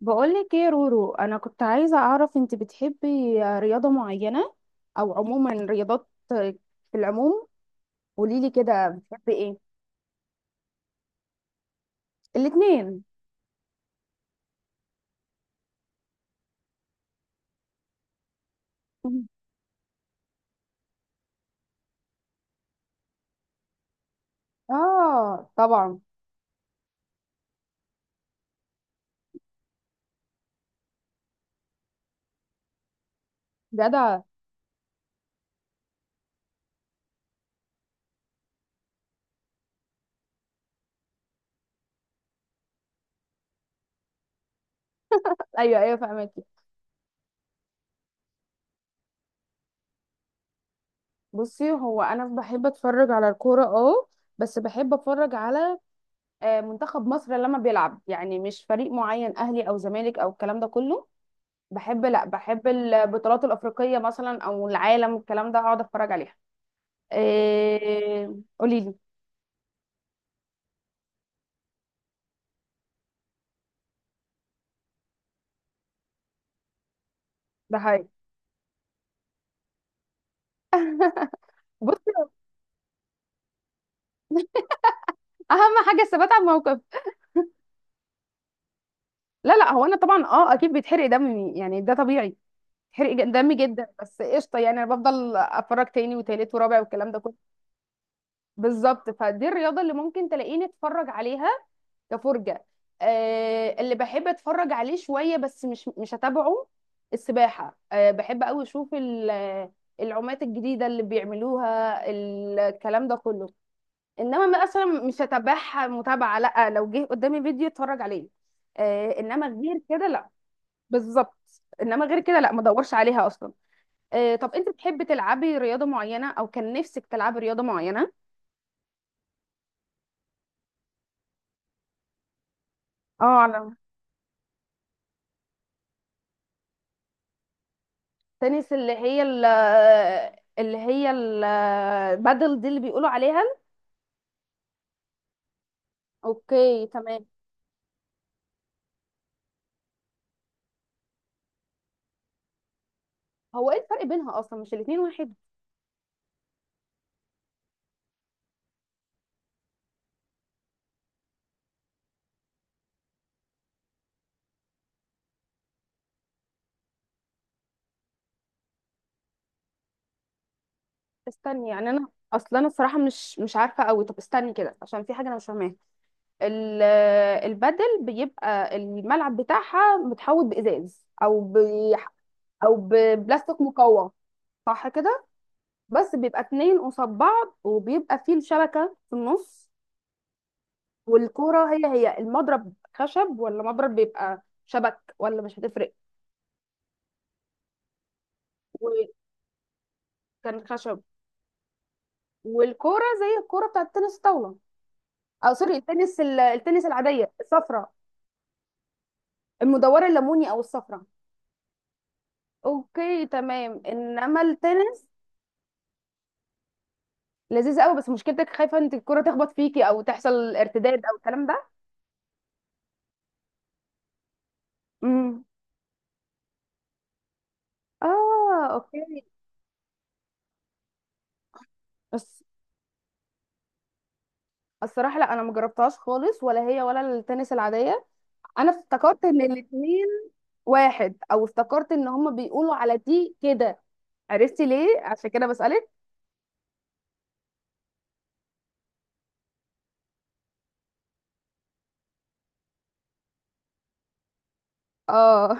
بقولك ايه يا رورو؟ انا كنت عايزة اعرف، انت بتحبي رياضة معينة او عموما رياضات في العموم؟ قوليلي كده بتحبي ايه؟ الاتنين. مم. اه طبعا. جدع. ايوه ايوه، فهمتك. بصي، هو انا بحب اتفرج على الكورة، اه، بس بحب اتفرج على منتخب مصر لما بيلعب، يعني مش فريق معين، اهلي او زمالك او الكلام ده كله. بحب، لا بحب البطولات الافريقية مثلا او العالم، الكلام ده اقعد اتفرج عليها. إيه... قولي لي. ده حقيقي. بصي، اهم حاجه الثبات على الموقف. لا لا، هو انا طبعا اه اكيد بيتحرق دمي، يعني ده طبيعي. دمي جدا، بس قشطه، يعني انا بفضل اتفرج تاني وتالت ورابع والكلام ده كله. بالظبط، فدي الرياضه اللي ممكن تلاقيني اتفرج عليها كفرجه. اللي بحب اتفرج عليه شويه، بس مش هتابعه. السباحه، آه بحب قوي اشوف العومات الجديده اللي بيعملوها، الكلام ده كله. انما مثلا مش هتابعها متابعه، لا، لو جه قدامي فيديو اتفرج عليه. آه، انما غير كده لا. بالظبط، انما غير كده لا، ما ادورش عليها اصلا. آه، طب انت بتحبي تلعبي رياضه معينه او كان نفسك تلعبي رياضه معينه؟ اه على التنس، اللي هي اللي هي البادل دي اللي بيقولوا عليها. اوكي تمام. هو ايه الفرق بينها اصلا، مش الاتنين واحد؟ استني، يعني انا اصلا انا الصراحه مش عارفه قوي. طب استني كده، عشان في حاجه انا مش فاهماها. ال- البدل بيبقى الملعب بتاعها متحوط بإزاز او ب... او ببلاستيك مقوى. صح كده. بس بيبقى اتنين قصاد بعض، وبيبقى فيه الشبكة في النص. والكورة هي هي، المضرب خشب ولا مضرب بيبقى شبك، ولا مش هتفرق؟ وكان خشب. والكورة زي الكورة بتاعت التنس الطاولة، او سوري، التنس التنس العادية الصفراء المدورة، الليموني او الصفراء. اوكي تمام. انما التنس لذيذ قوي، بس مشكلتك خايفه انت الكره تخبط فيكي او تحصل ارتداد او الكلام ده. امم، اه، اوكي. بس الصراحه لا، انا ما جربتهاش خالص، ولا هي ولا التنس العاديه. انا افتكرت ان الاثنين واحد، او افتكرت ان هما بيقولوا على دي كده. عرفتي ليه، عشان كده بسالك. اه.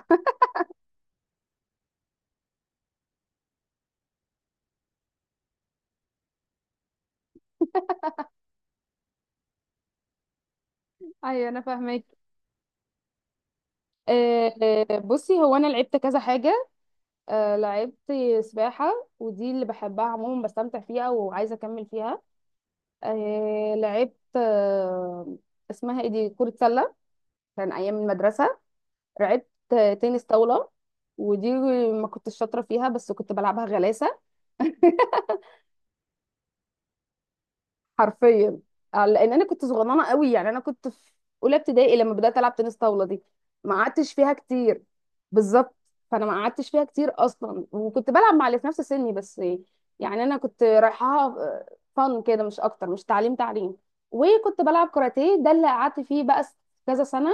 ايوه انا فاهمك. آه، آه، بصي هو انا لعبت كذا حاجه. آه، لعبت سباحه، ودي اللي بحبها عموما، بستمتع فيها وعايزه اكمل فيها. آه لعبت، آه، اسمها ايه دي، كرة سلة، كان ايام المدرسة. لعبت آه، تنس طاولة، ودي ما كنتش شاطرة فيها، بس كنت بلعبها غلاسة. حرفيا. آه، لان انا كنت صغننه قوي، يعني انا كنت في اولى ابتدائي لما بدات العب تنس طاوله دي، ما قعدتش فيها كتير. بالظبط. فانا ما قعدتش فيها كتير اصلا، وكنت بلعب مع اللي في نفس سني بس، يعني انا كنت رايحاها فن كده مش اكتر، مش تعليم تعليم. وكنت بلعب كاراتيه، ده اللي قعدت فيه بقى كذا سنه.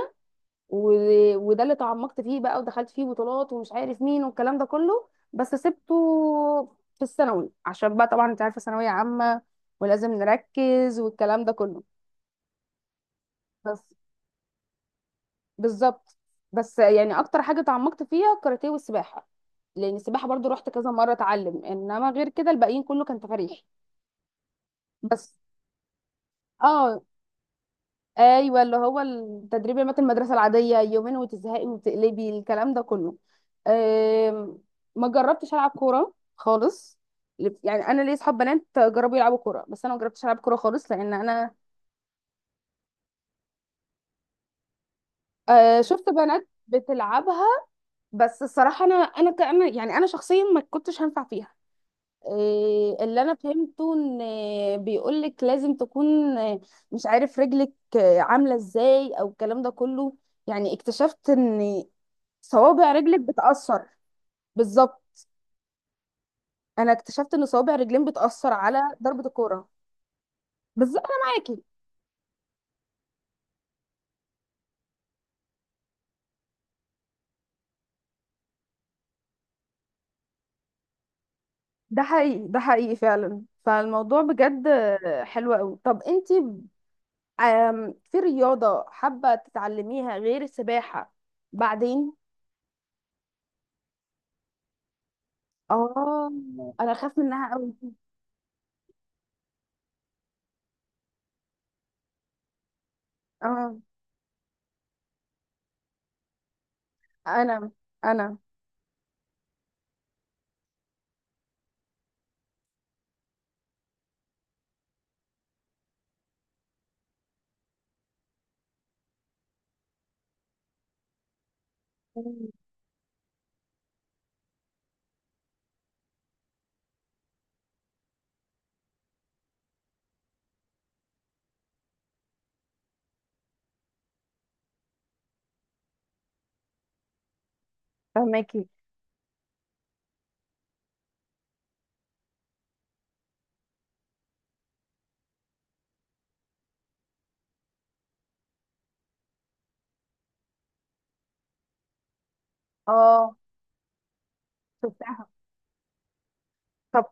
و... وده اللي تعمقت فيه بقى، ودخلت فيه بطولات ومش عارف مين والكلام ده كله، بس سبته في الثانوي، عشان بقى طبعا انت عارفه، ثانويه عامه ولازم نركز والكلام ده كله. بس بالظبط. بس يعني اكتر حاجه تعمقت فيها الكاراتيه والسباحه، لان السباحه برضو رحت كذا مره اتعلم، انما غير كده الباقيين كله كان تفاريح. بس اه، ايوه، اللي هو التدريب المات المدرسه العاديه يومين وتزهقي وتقلبي، الكلام ده كله. أم، ما جربتش العب كوره خالص، يعني انا ليا اصحاب بنات جربوا يلعبوا كوره، بس انا ما جربتش العب كوره خالص، لان انا... أه، شفت بنات بتلعبها، بس الصراحه انا يعني انا شخصيا ما كنتش هنفع فيها. إيه اللي انا فهمته، ان بيقولك لازم تكون آه، مش عارف رجلك آه، عامله ازاي او الكلام ده كله، يعني اكتشفت ان صوابع رجلك بتأثر. بالظبط. انا اكتشفت ان صوابع رجلين بتأثر على ضربة الكرة. بالظبط، انا معاكي. ده حقيقي، ده حقيقي فعلا. فالموضوع بجد آه، حلو قوي. طب انتي آم، في رياضة حابة تتعلميها غير السباحة؟ بعدين، اه انا خاف منها قوي. اه انا انا مم. فهماكي اه. شفتها. طب،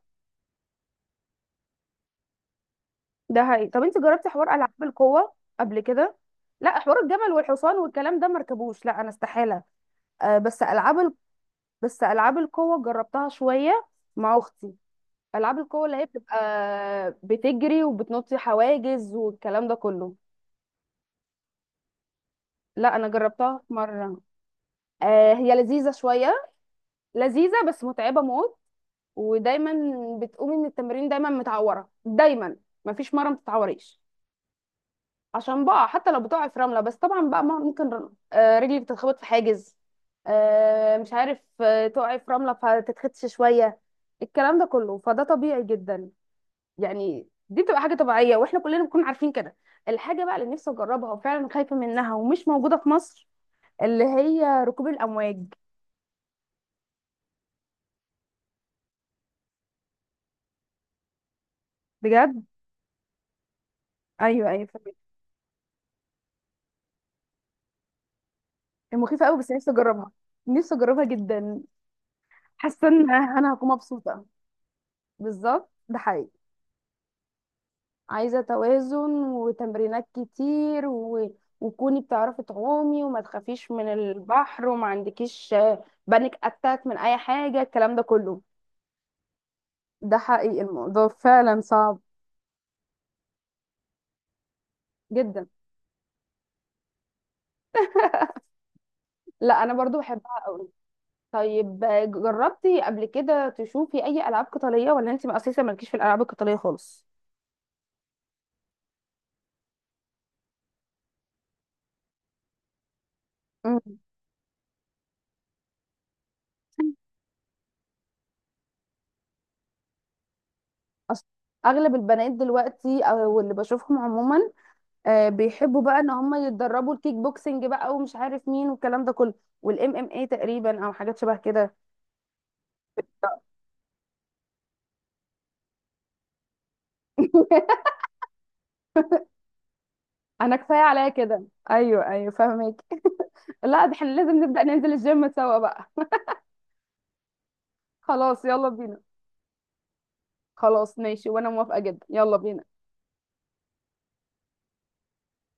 ده حقيقي. طب انت جربتي حوار العاب القوه قبل كده؟ لا، حوار الجمل والحصان والكلام ده مركبوش، لا انا استحاله. آه بس العاب ال... بس العاب القوه جربتها شويه مع اختي. العاب القوه اللي هي بتبقى بتجري وبتنطي حواجز والكلام ده كله. لا انا جربتها مره. آه هي لذيذه شويه، لذيذه بس متعبه موت. ودايما بتقومي من التمرين دايما متعوره، دايما مفيش مره ما تتعوريش. عشان بقى حتى لو بتقعي في رمله، بس طبعا بقى ممكن آه، رجلك تتخبط في حاجز، آه، مش عارف آه، تقعي في رمله فتتخدش شويه، الكلام ده كله، فده طبيعي جدا. يعني دي بتبقى حاجه طبيعيه، واحنا كلنا بنكون عارفين كده. الحاجه بقى اللي نفسي اجربها وفعلا خايفه منها ومش موجوده في مصر، اللي هي ركوب الامواج. بجد؟ ايوه ايوه، فاهمة. هي مخيفه قوي بس نفسي اجربها. نفسي اجربها جدا، حاسه ان انا هكون مبسوطه. بالظبط، ده حقيقي. عايزه توازن وتمرينات كتير و... وكوني بتعرفي تعومي، وما تخافيش من البحر، وما عندكيش بانيك اتاك من اي حاجه، الكلام ده كله. ده حقيقي، الموضوع فعلا صعب. جدا. لا انا برضو بحبها قوي. طيب، جربتي قبل كده تشوفي اي العاب قتاليه، ولا انت اساسا مالكيش في الالعاب القتاليه خالص؟ مم. أصل اغلب البنات دلوقتي او اللي بشوفهم عموما، آه، بيحبوا بقى ان هم يتدربوا الكيك بوكسنج بقى ومش عارف مين والكلام ده كله، والام ام اي تقريبا او حاجات شبه كده. انا كفايه عليا كده، ايوه ايوه فاهمك. لا ده احنا لازم نبدا ننزل الجيم سوا بقى. خلاص يلا بينا. خلاص ماشي وانا موافقه جدا، يلا بينا.